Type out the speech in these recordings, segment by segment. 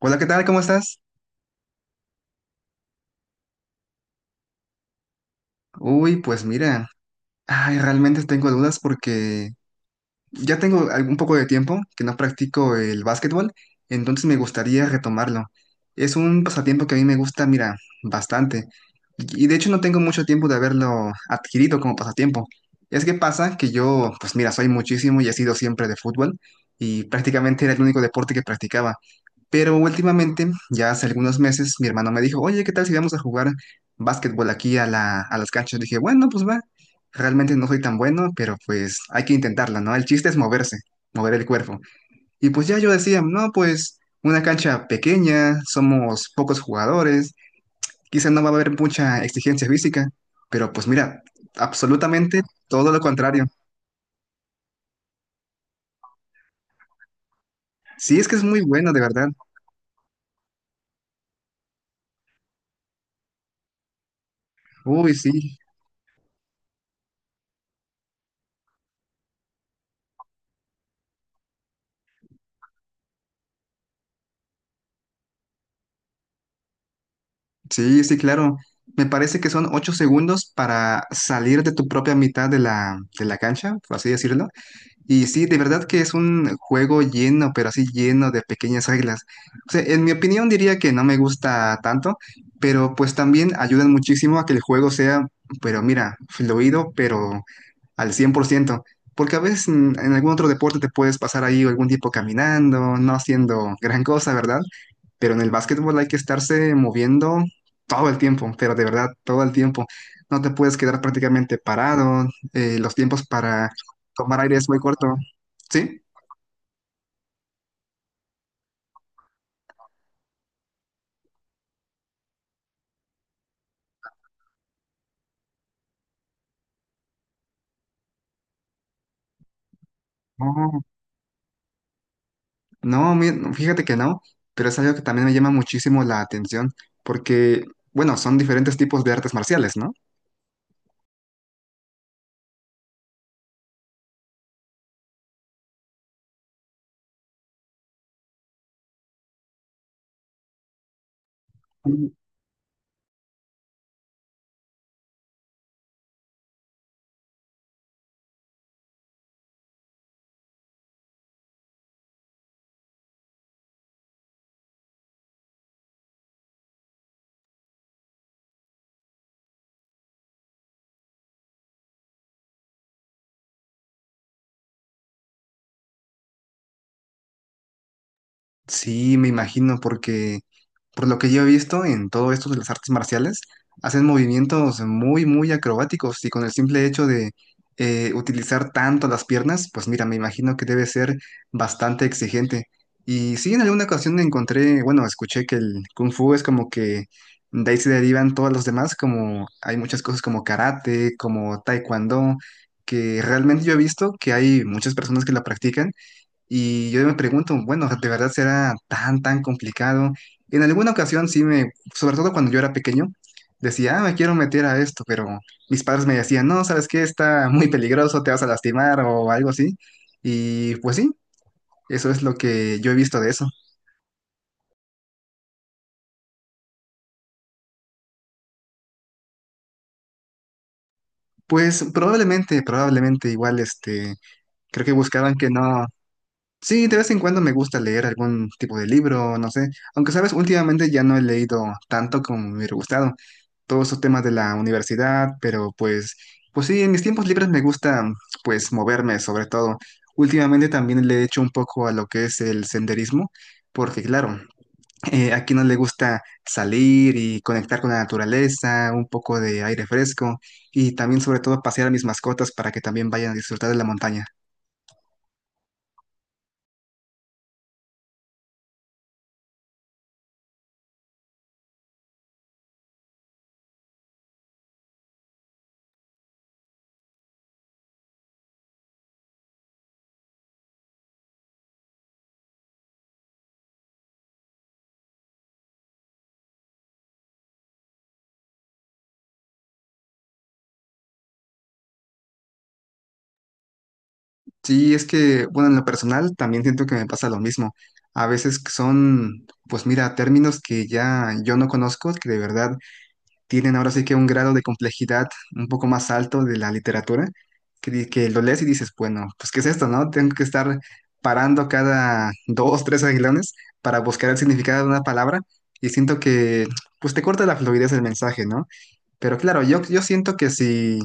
Hola, ¿qué tal? ¿Cómo estás? Uy, pues mira, ay, realmente tengo dudas porque ya tengo algún poco de tiempo que no practico el básquetbol, entonces me gustaría retomarlo. Es un pasatiempo que a mí me gusta, mira, bastante. Y de hecho no tengo mucho tiempo de haberlo adquirido como pasatiempo. Es que pasa que yo, pues mira, soy muchísimo y he sido siempre de fútbol y prácticamente era el único deporte que practicaba. Pero últimamente, ya hace algunos meses, mi hermano me dijo, oye, ¿qué tal si vamos a jugar básquetbol aquí a las canchas? Dije, bueno, pues va, realmente no soy tan bueno, pero pues hay que intentarla, ¿no? El chiste es moverse, mover el cuerpo. Y pues ya yo decía, no, pues una cancha pequeña, somos pocos jugadores, quizá no va a haber mucha exigencia física, pero pues mira, absolutamente todo lo contrario. Sí, es que es muy bueno, de verdad. Uy, sí, sí, sí, claro. Me parece que son 8 segundos para salir de tu propia mitad de de la cancha, por así decirlo. Y sí, de verdad que es un juego lleno, pero así lleno de pequeñas reglas. O sea, en mi opinión diría que no me gusta tanto, pero pues también ayudan muchísimo a que el juego sea, pero mira, fluido, pero al 100%. Porque a veces en algún otro deporte te puedes pasar ahí algún tiempo caminando, no haciendo gran cosa, ¿verdad? Pero en el básquetbol hay que estarse moviendo todo el tiempo, pero de verdad, todo el tiempo. No te puedes quedar prácticamente parado. Los tiempos para tomar aire es muy corto. ¿Sí? No, no, no, fíjate que no, pero es algo que también me llama muchísimo la atención porque, bueno, son diferentes tipos de artes marciales, ¿no? Sí, me imagino, porque por lo que yo he visto en todo esto de las artes marciales, hacen movimientos muy, muy acrobáticos y con el simple hecho de utilizar tanto las piernas, pues mira, me imagino que debe ser bastante exigente. Y sí, en alguna ocasión encontré, bueno, escuché que el kung fu es como que de ahí se derivan todos los demás, como hay muchas cosas como karate, como taekwondo, que realmente yo he visto que hay muchas personas que la practican y yo me pregunto, bueno, ¿de verdad será tan, tan complicado? En alguna ocasión sí me, sobre todo cuando yo era pequeño, decía, ah, me quiero meter a esto, pero mis padres me decían, no, ¿sabes qué? Está muy peligroso, te vas a lastimar o algo así. Y pues sí, eso es lo que yo he visto de eso. Pues probablemente, probablemente igual, este, creo que buscaban que no. Sí, de vez en cuando me gusta leer algún tipo de libro, no sé. Aunque, sabes, últimamente ya no he leído tanto como me hubiera gustado. Todos esos temas de la universidad, pero pues sí, en mis tiempos libres me gusta, pues, moverme sobre todo. Últimamente también le he hecho un poco a lo que es el senderismo, porque claro, a quien no le gusta salir y conectar con la naturaleza, un poco de aire fresco y también sobre todo pasear a mis mascotas para que también vayan a disfrutar de la montaña. Sí, es que, bueno, en lo personal también siento que me pasa lo mismo. A veces que son, pues mira, términos que ya yo no conozco, que de verdad tienen ahora sí que un grado de complejidad un poco más alto de la literatura, que, que lo lees y dices, bueno, pues ¿qué es esto, no? Tengo que estar parando cada dos, tres aguilones para buscar el significado de una palabra y siento que, pues te corta la fluidez del mensaje, ¿no? Pero claro, yo siento que si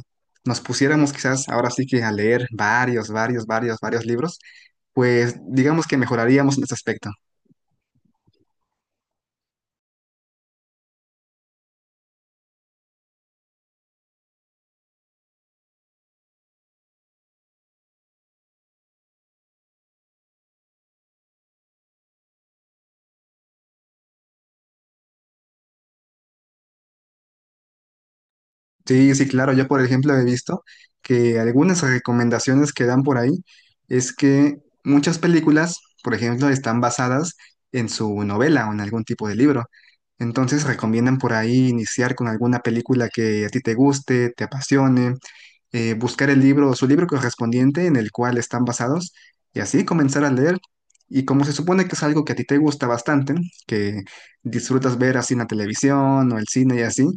nos pusiéramos quizás ahora sí que a leer varios, varios, varios, varios libros, pues digamos que mejoraríamos en ese aspecto. Sí, sí, claro. Yo, por ejemplo, he visto que algunas recomendaciones que dan por ahí es que muchas películas, por ejemplo, están basadas en su novela o en algún tipo de libro. Entonces recomiendan por ahí iniciar con alguna película que a ti te guste, te apasione, buscar el libro, su libro correspondiente en el cual están basados y así comenzar a leer. Y como se supone que es algo que a ti te gusta bastante, que disfrutas ver así en la televisión o el cine y así,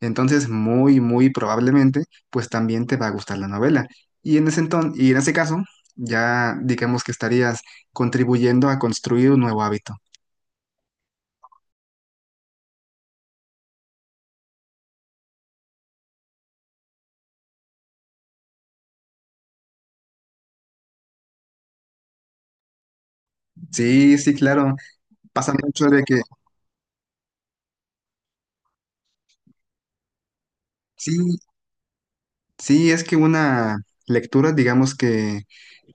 entonces muy, muy probablemente pues también te va a gustar la novela. Y en ese entonces, y en ese caso, ya digamos que estarías contribuyendo a construir un nuevo hábito. Sí, sí, claro. Pasa mucho de que sí, sí, es que una lectura, digamos que,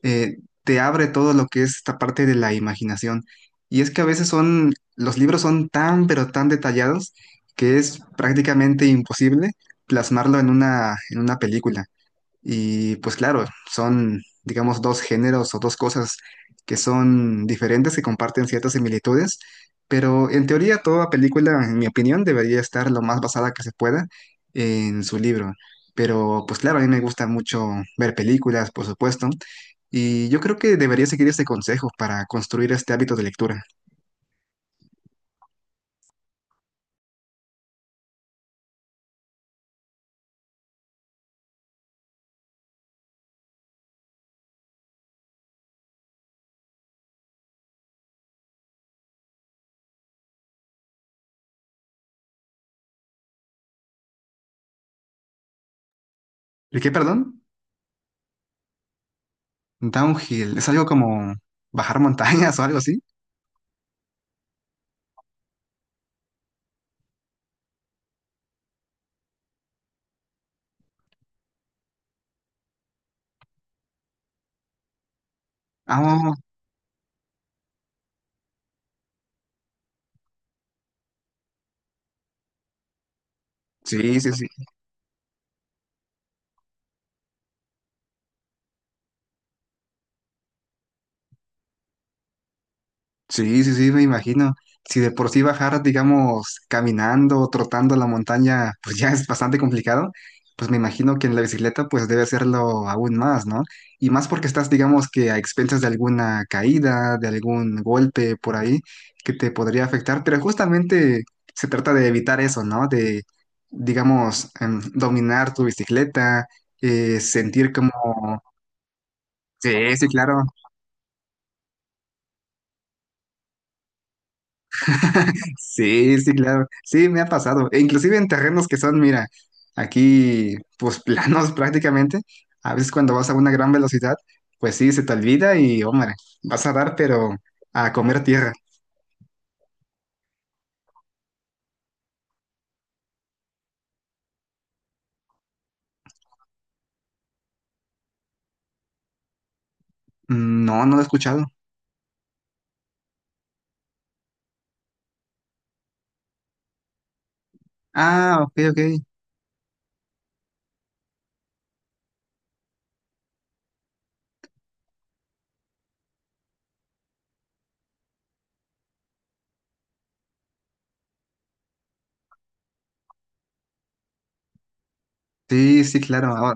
eh, te abre todo lo que es esta parte de la imaginación. Y es que a veces son, los libros son tan, pero tan detallados que es prácticamente imposible plasmarlo en en una película. Y pues claro, son, digamos, dos géneros o dos cosas que son diferentes, que comparten ciertas similitudes, pero en teoría toda película, en mi opinión, debería estar lo más basada que se pueda en su libro. Pero pues claro, a mí me gusta mucho ver películas, por supuesto, y yo creo que debería seguir este consejo para construir este hábito de lectura. ¿El qué, perdón? Downhill. ¿Es algo como bajar montañas o algo así? Ah, sí, sí, sí. Sí, sí, sí, me imagino. Si de por sí bajar, digamos, caminando o trotando la montaña, pues ya es bastante complicado, pues me imagino que en la bicicleta pues debe serlo aún más, ¿no? Y más porque estás, digamos, que a expensas de alguna caída, de algún golpe por ahí que te podría afectar, pero justamente se trata de evitar eso, ¿no? De, digamos, dominar tu bicicleta, sentir como... Sí, sí, claro. Sí, sí, claro. Sí, me ha pasado. E inclusive en terrenos que son, mira, aquí, pues planos prácticamente. A veces cuando vas a una gran velocidad, pues sí, se te olvida y, hombre, vas a dar, pero a comer tierra. Mm, no, no lo he escuchado. Ah, ok, ok. Sí, sí, claro.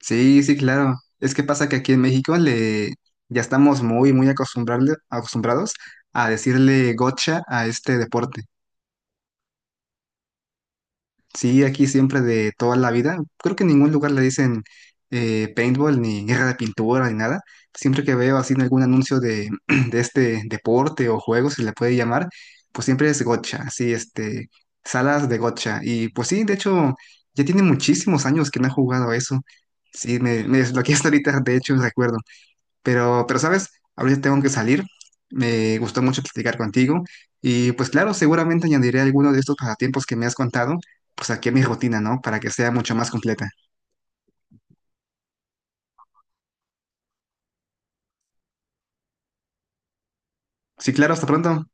Sí, sí, claro. Es que pasa que aquí en México le ya estamos muy, muy acostumbrados a decirle gocha a este deporte. Sí, aquí siempre de toda la vida. Creo que en ningún lugar le dicen, paintball ni guerra de pintura ni nada. Siempre que veo así en algún anuncio de, de este deporte o juego, se le puede llamar, pues siempre es gotcha, así este, salas de gotcha. Y pues sí, de hecho, ya tiene muchísimos años que no he jugado a eso. Sí, me desbloqueaste ahorita, de hecho, recuerdo. Pero sabes, ahorita tengo que salir. Me gustó mucho platicar contigo. Y pues claro, seguramente añadiré alguno de estos pasatiempos que me has contado, pues aquí a mi rutina, ¿no? Para que sea mucho más completa. Sí, claro, hasta pronto.